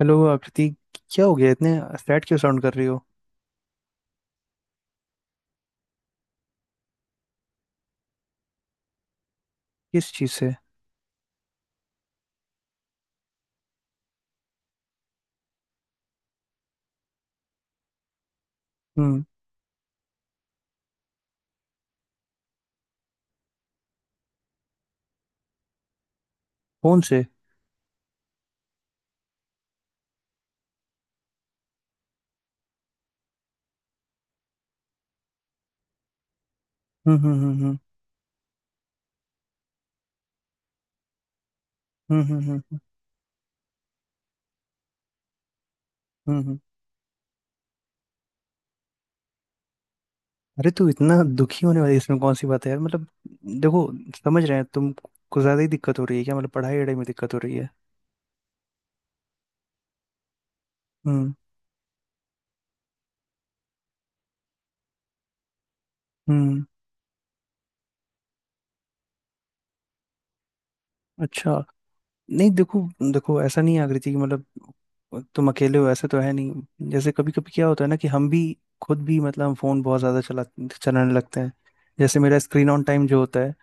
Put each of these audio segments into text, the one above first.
Hello Aakriti. क्या हो गया? इतने फ्लैट क्यों साउंड कर रही हो? किस चीज से? हम्म। फोन से? हम्म, हम्म, हम्म, हम्म, हम्म, हम्म, हम्म। अरे तू इतना दुखी होने वाली, इसमें कौन सी बात है यार? मतलब देखो, समझ रहे हैं। तुम को ज्यादा ही दिक्कत हो रही है क्या? मतलब पढ़ाई वढ़ाई में दिक्कत हो रही है? हम्म, हम्म। अच्छा। नहीं देखो, देखो ऐसा नहीं है आकृति कि मतलब तुम अकेले हो, ऐसा तो है नहीं। जैसे कभी कभी क्या होता है ना कि हम भी, खुद भी मतलब हम फोन बहुत ज्यादा चलाने लगते हैं। जैसे मेरा स्क्रीन ऑन टाइम जो होता है,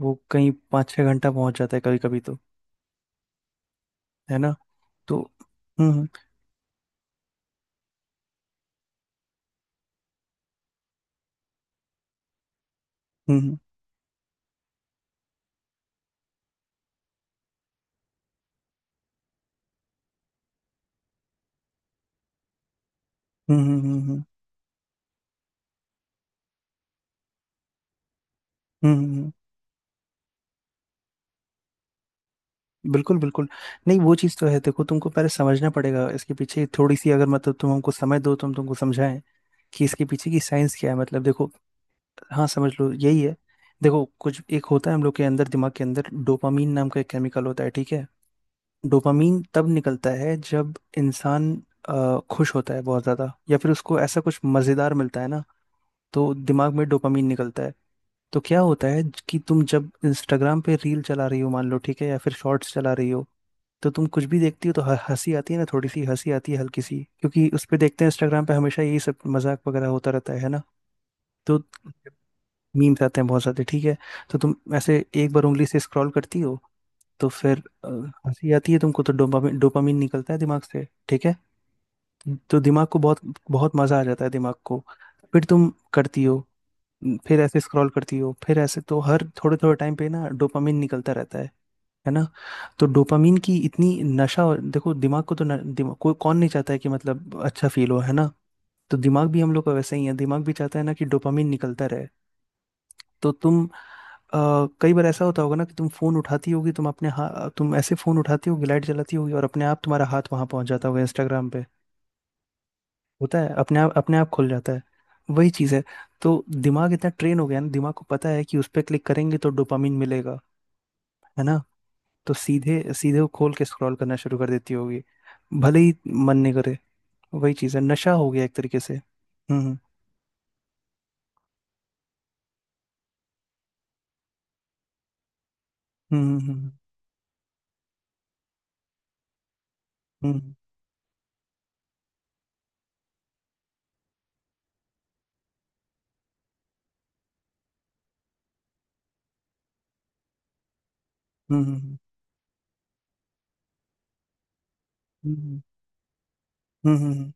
वो कहीं 5-6 घंटा पहुंच जाता है कभी कभी तो, है ना? तो हम्म, हम्म, हम्म, हम्म, हम्म, हम्म, हम्म, हम्म, हम्म। बिल्कुल बिल्कुल। नहीं वो चीज़ तो है, देखो तुमको पहले समझना पड़ेगा इसके पीछे, थोड़ी सी अगर मतलब तुम हमको समय दो तो हम तुमको समझाएं कि इसके पीछे की साइंस क्या है। मतलब देखो, हाँ समझ लो यही है। देखो कुछ एक होता है हम लोग के अंदर, दिमाग के अंदर डोपामीन नाम का एक केमिकल होता है, ठीक है? डोपामीन तब निकलता है जब इंसान खुश होता है बहुत ज़्यादा, या फिर उसको ऐसा कुछ मज़ेदार मिलता है ना, तो दिमाग में डोपामीन निकलता है। तो क्या होता है कि तुम जब इंस्टाग्राम पे रील चला रही हो, मान लो ठीक है, या फिर शॉर्ट्स चला रही हो, तो तुम कुछ भी देखती हो तो हंसी आती है ना, थोड़ी सी हंसी आती है हल्की सी, क्योंकि उस पे देखते हैं इंस्टाग्राम पे हमेशा यही सब मजाक वगैरह होता रहता है ना? तो मीम्स आते हैं बहुत सारे, ठीक है। तो तुम ऐसे एक बार उंगली से स्क्रॉल करती हो, तो फिर हंसी आती है तुमको, तो डोपामीन डोपामीन निकलता है दिमाग से, ठीक है? तो दिमाग को बहुत बहुत मजा आ जाता है दिमाग को। फिर तुम करती हो, फिर ऐसे स्क्रॉल करती हो, फिर ऐसे, तो हर थोड़े थोड़े टाइम पे ना डोपामिन निकलता रहता है ना? तो डोपामिन की इतनी नशा देखो, दिमाग को तो न, दिमाग कोई कौन नहीं चाहता है कि मतलब अच्छा फील हो, है ना? तो दिमाग भी हम लोग का वैसे ही है, दिमाग भी चाहता है ना कि डोपामिन निकलता रहे। तो तुम, अ, कई बार ऐसा होता होगा ना कि तुम फोन उठाती होगी, तुम अपने हाथ, तुम ऐसे फोन उठाती होगी, लाइट जलाती होगी और अपने आप तुम्हारा हाथ वहां पहुंच जाता होगा इंस्टाग्राम पे। होता है, अपने आप खुल जाता है, वही चीज़ है। तो दिमाग इतना ट्रेन हो गया ना, दिमाग को पता है कि उस पर क्लिक करेंगे तो डोपामिन मिलेगा, है ना? तो सीधे सीधे वो खोल के स्क्रॉल करना शुरू कर देती होगी, भले ही मन नहीं करे। वही चीज़ है, नशा हो गया एक तरीके से। हम्म, हम्म, हम्म, हम्म, हम्म, हम्म, हम्म, हम्म,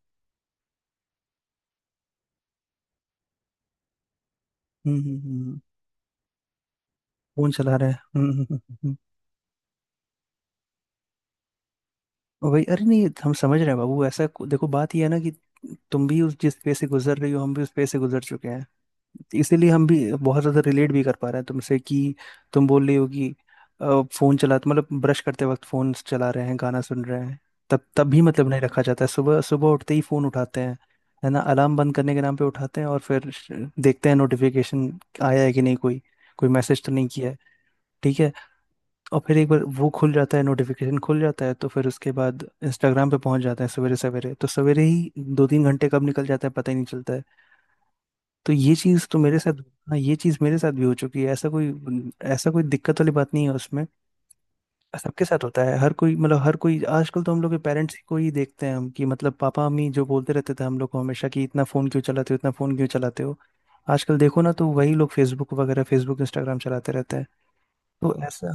हम्म। फोन चला रहे हैं। हम्म, हम्म, वही, अरे नहीं हम समझ रहे हैं बाबू, ऐसा देखो, बात ये है ना कि तुम भी उस जिस पे से गुजर रही हो, हम भी उस पे से गुजर चुके हैं, इसीलिए हम भी बहुत ज़्यादा रिलेट भी कर पा रहे हैं तुमसे कि तुम बोल रही हो कि अ, फ़ोन चला तो मतलब ब्रश करते वक्त फ़ोन चला रहे हैं, गाना सुन रहे हैं, तब तब भी मतलब नहीं रखा जाता है, सुबह सुबह उठते ही फ़ोन उठाते हैं, है ना? अलार्म बंद करने के नाम पे उठाते हैं और फिर देखते हैं नोटिफिकेशन आया है कि नहीं, कोई कोई मैसेज तो नहीं किया है, ठीक है? और फिर एक बार वो खुल जाता है, नोटिफिकेशन खुल जाता है तो फिर उसके बाद इंस्टाग्राम पे पहुंच जाते हैं सवेरे सवेरे, तो सवेरे ही 2-3 घंटे कब निकल जाते हैं पता ही नहीं चलता है। तो ये चीज तो मेरे साथ, हाँ ये चीज मेरे साथ भी हो चुकी है, ऐसा कोई दिक्कत वाली बात नहीं है उसमें। सबके साथ होता है, हर कोई, मतलब हर कोई आजकल, तो हम लोग के पेरेंट्स को ही देखते हैं हम, कि मतलब पापा मम्मी जो बोलते रहते थे हम लोग को हमेशा कि इतना फोन क्यों चलाते हो, इतना फोन क्यों चलाते हो, आजकल देखो ना, तो वही लोग फेसबुक इंस्टाग्राम चलाते रहते हैं। तो ऐसा,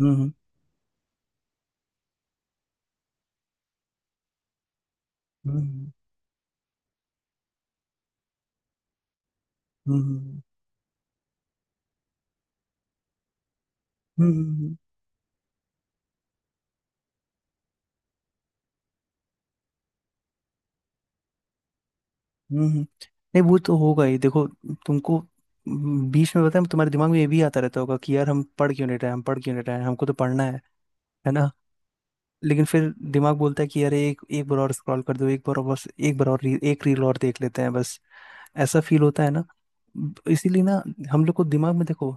हम्म, हम्म, हम्म, हम्म, हम्म, हम्म, हम्म, नहीं वो तो होगा ही, देखो तुमको बीच में, पता है तुम्हारे दिमाग में ये भी आता रहता होगा कि यार हम पढ़ क्यों नहीं रहे हैं, हम पढ़ क्यों नहीं रहे हैं, हमको तो पढ़ना है ना? लेकिन फिर दिमाग बोलता है कि यार एक एक बार और स्क्रॉल कर दो, एक बार और, बस एक बार और रील, एक रील और देख लेते हैं बस, ऐसा फील होता है ना। इसीलिए ना हम लोग को दिमाग में, देखो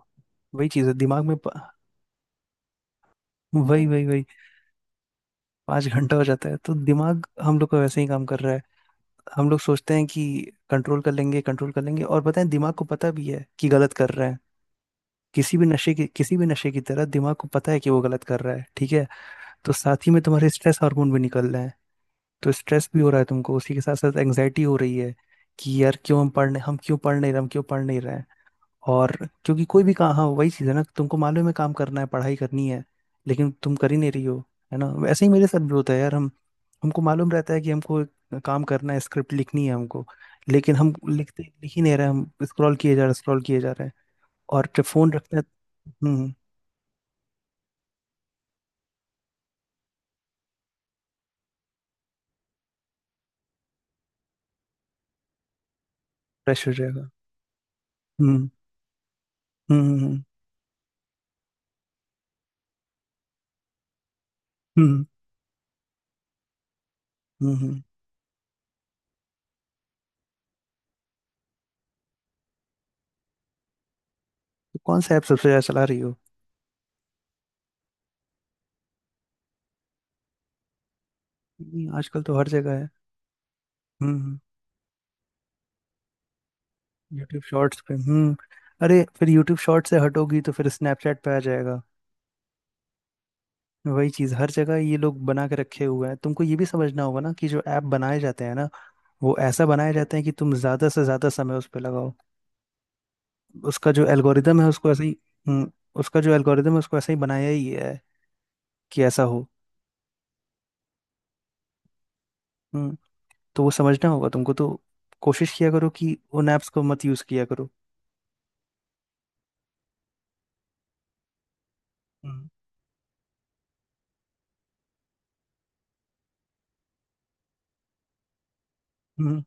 वही चीज है दिमाग में वही वही वही। 5 घंटा हो जाता है तो दिमाग हम लोग का वैसे ही काम कर रहा है। हम लोग सोचते हैं कि कंट्रोल कर लेंगे, कंट्रोल कर लेंगे, और पता है दिमाग को पता भी है कि गलत कर रहे हैं, किसी भी नशे की तरह दिमाग को पता है कि वो गलत कर रहा है, ठीक है? तो साथ ही में तुम्हारे स्ट्रेस हार्मोन भी निकल रहे हैं, तो स्ट्रेस भी हो रहा है तुमको, उसी के साथ साथ एंग्जाइटी हो रही है कि यार क्यों हम पढ़ नहीं, हम क्यों पढ़ नहीं रहे, हम क्यों पढ़ नहीं रहे हैं। और क्योंकि कोई भी काम, हाँ वही चीज़ है ना, तुमको मालूम है काम करना है, पढ़ाई करनी है, लेकिन तुम कर ही नहीं रही हो, है ना? वैसे ही मेरे साथ भी होता है यार, हम, हमको मालूम रहता है कि हमको एक काम करना है, स्क्रिप्ट लिखनी है हमको, लेकिन हम लिख ही नहीं रहे, हम स्क्रॉल किए जा रहे हैं। और जब फोन रखते हैं, हम्म, फ्रेश हो जाएगा, हम्म, हम्म, हम्म, हम्म, हम्म। तो कौन सा ऐप सबसे ज़्यादा चला रही हो? नहीं, आजकल तो हर जगह है। हम्म। यूट्यूब शॉर्ट्स पे। हम्म। अरे फिर यूट्यूब शॉर्ट से हटोगी तो फिर स्नैपचैट पे आ जाएगा। वही चीज़ हर जगह ये लोग बना के रखे हुए हैं, तुमको ये भी समझना होगा ना कि जो ऐप बनाए जाते हैं ना, वो ऐसा बनाए जाते हैं कि तुम ज़्यादा से ज़्यादा समय उस पर लगाओ। उसका जो एल्गोरिदम है उसको ऐसे ही हम्म, उसका जो एल्गोरिदम है उसको ऐसे ही बनाया ही है कि ऐसा हो। हम्म, तो वो समझना होगा तुमको, तो कोशिश किया करो कि उन ऐप्स को मत यूज किया करो। हम्म, हम्म,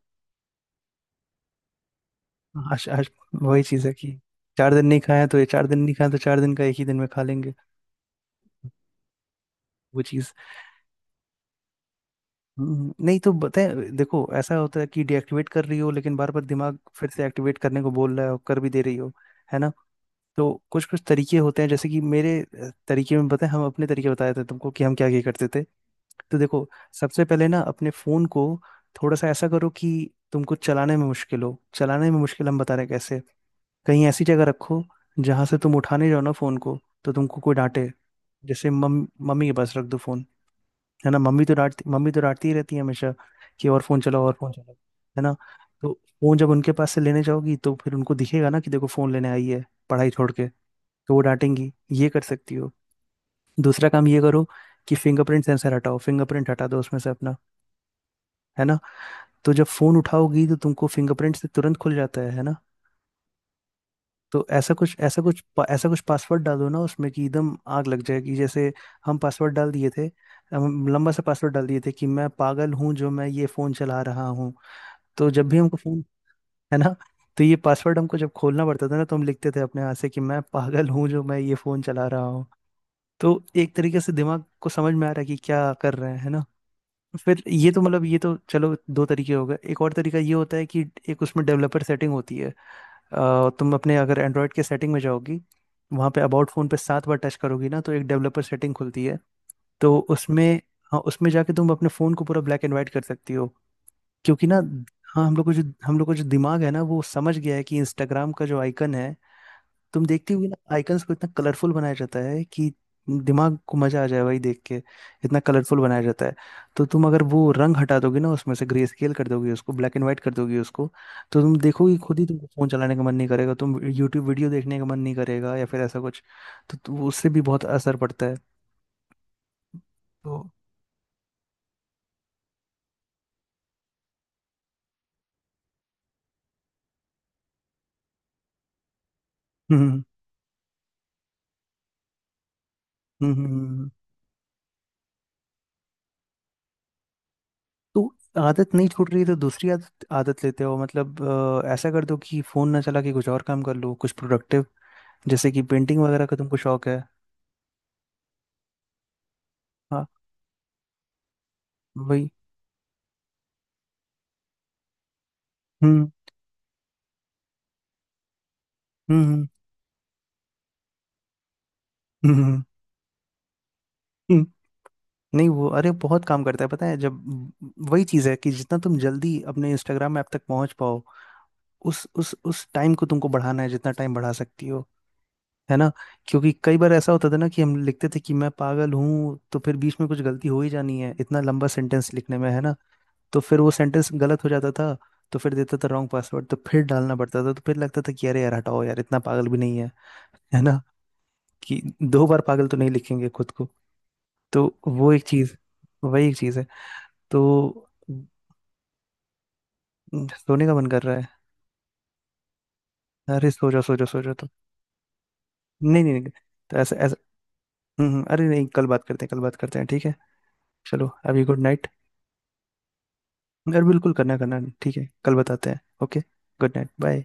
हाँ आज आज वही चीज़ है कि 4 दिन नहीं खाया तो ये, 4 दिन नहीं खाया तो 4 दिन का एक ही दिन में खा लेंगे, वो चीज़। नहीं तो बताए, देखो ऐसा होता है कि डीएक्टिवेट कर रही हो, लेकिन बार बार दिमाग फिर से एक्टिवेट करने को बोल रहा है और कर भी दे रही हो, है ना? तो कुछ कुछ तरीके होते हैं, जैसे कि मेरे, तरीके में बताएं, हम अपने तरीके बताए थे तुमको कि हम क्या क्या करते थे। तो देखो, सबसे पहले ना अपने फोन को थोड़ा सा ऐसा करो कि तुमको चलाने में मुश्किल हो। चलाने में मुश्किल, हम बता रहे हैं कैसे। कहीं ऐसी जगह रखो जहां से तुम उठाने जाओ ना फोन को, तो तुमको कोई डांटे। जैसे मम मम्मी के पास रख दो फोन, है ना? मम्मी तो डांटती ही रहती है हमेशा कि और फोन चलाओ, और फोन चलाओ, है ना? तो फोन जब उनके पास से लेने जाओगी, तो फिर उनको दिखेगा ना कि देखो फोन लेने आई है पढ़ाई छोड़ के, तो वो डांटेंगी, ये कर सकती हो। दूसरा काम ये करो कि फिंगरप्रिंट सेंसर हटाओ, फिंगरप्रिंट हटा दो उसमें से अपना, है ना? तो जब फोन उठाओगी तो तुमको फिंगरप्रिंट से तुरंत खुल जाता है ना? तो ऐसा कुछ पासवर्ड डालो ना उसमें कि एकदम आग लग जाएगी, जैसे हम पासवर्ड डाल दिए थे। हम लंबा सा पासवर्ड डाल दिए थे कि मैं पागल हूँ जो मैं ये फोन चला रहा हूँ। तो जब भी हमको फोन, है ना? तो ये पासवर्ड हमको जब खोलना पड़ता था ना, तो हम लिखते थे अपने हाथ से कि मैं पागल हूँ जो मैं ये फोन चला रहा हूँ। तो एक तरीके से दिमाग को समझ में आ रहा है कि क्या कर रहे हैं, है ना? फिर ये तो चलो दो तरीके हो गए, एक और तरीका ये होता है कि, एक, उसमें डेवलपर सेटिंग होती है, तुम अपने अगर एंड्रॉयड के सेटिंग में जाओगी वहाँ पे अबाउट फ़ोन पे सात बार टच करोगी ना, तो एक डेवलपर सेटिंग खुलती है। तो उसमें, हाँ उसमें जाके तुम अपने फ़ोन को पूरा ब्लैक एंड वाइट कर सकती हो क्योंकि ना, हाँ, हम लोग को जो दिमाग है ना, वो समझ गया है कि इंस्टाग्राम का जो आइकन है, तुम देखती हुई ना आइकन्स को इतना कलरफुल बनाया जाता है कि दिमाग को मजा आ जाए भाई देख के, इतना कलरफुल बनाया जाता है। तो तुम अगर वो रंग हटा दोगे ना उसमें से, ग्रे स्केल कर दोगे उसको, ब्लैक एंड व्हाइट कर दोगे उसको, तो तुम देखोगे खुद ही तुमको फोन चलाने का मन नहीं करेगा, तुम यूट्यूब वीडियो देखने का मन नहीं करेगा या फिर ऐसा कुछ। तो उससे भी बहुत असर पड़ता है। तो हम्म, हम्म, हम्म, हम्म। हम्म, हम्म। तो आदत नहीं छूट रही, तो दूसरी आदत आदत लेते हो मतलब, ऐसा कर दो कि फोन ना चला के कुछ और काम कर लो, कुछ प्रोडक्टिव। जैसे कि पेंटिंग वगैरह का तुमको शौक है। हाँ वही। हम्म, हम्म, हम्म, हम्म, हम्म। हम्म। नहीं वो अरे बहुत काम करता है, पता है जब, वही चीज़ है कि जितना तुम जल्दी अपने इंस्टाग्राम ऐप तक पहुंच पाओ, उस टाइम को तुमको बढ़ाना है, जितना टाइम बढ़ा सकती हो, है ना? क्योंकि कई बार ऐसा होता था ना कि हम लिखते थे कि मैं पागल हूँ, तो फिर बीच में कुछ गलती हो ही जानी है इतना लंबा सेंटेंस लिखने में, है ना? तो फिर वो सेंटेंस गलत हो जाता था, तो फिर देता था रॉन्ग पासवर्ड, तो फिर डालना पड़ता था, तो फिर लगता था कि अरे यार हटाओ यार, इतना पागल भी नहीं है, है ना कि दो बार पागल तो नहीं लिखेंगे खुद को। तो वो एक चीज, वही एक चीज है, तो सोने का मन कर रहा है। अरे सो जाओ, सो जाओ, सो जाओ। तो नहीं, नहीं, नहीं। तो ऐसा ऐसा, अरे नहीं कल बात करते हैं, कल बात करते हैं, ठीक है। चलो अभी गुड नाइट। अरे बिल्कुल करना, करना ठीक है, कल बताते हैं, ओके। Good night bye.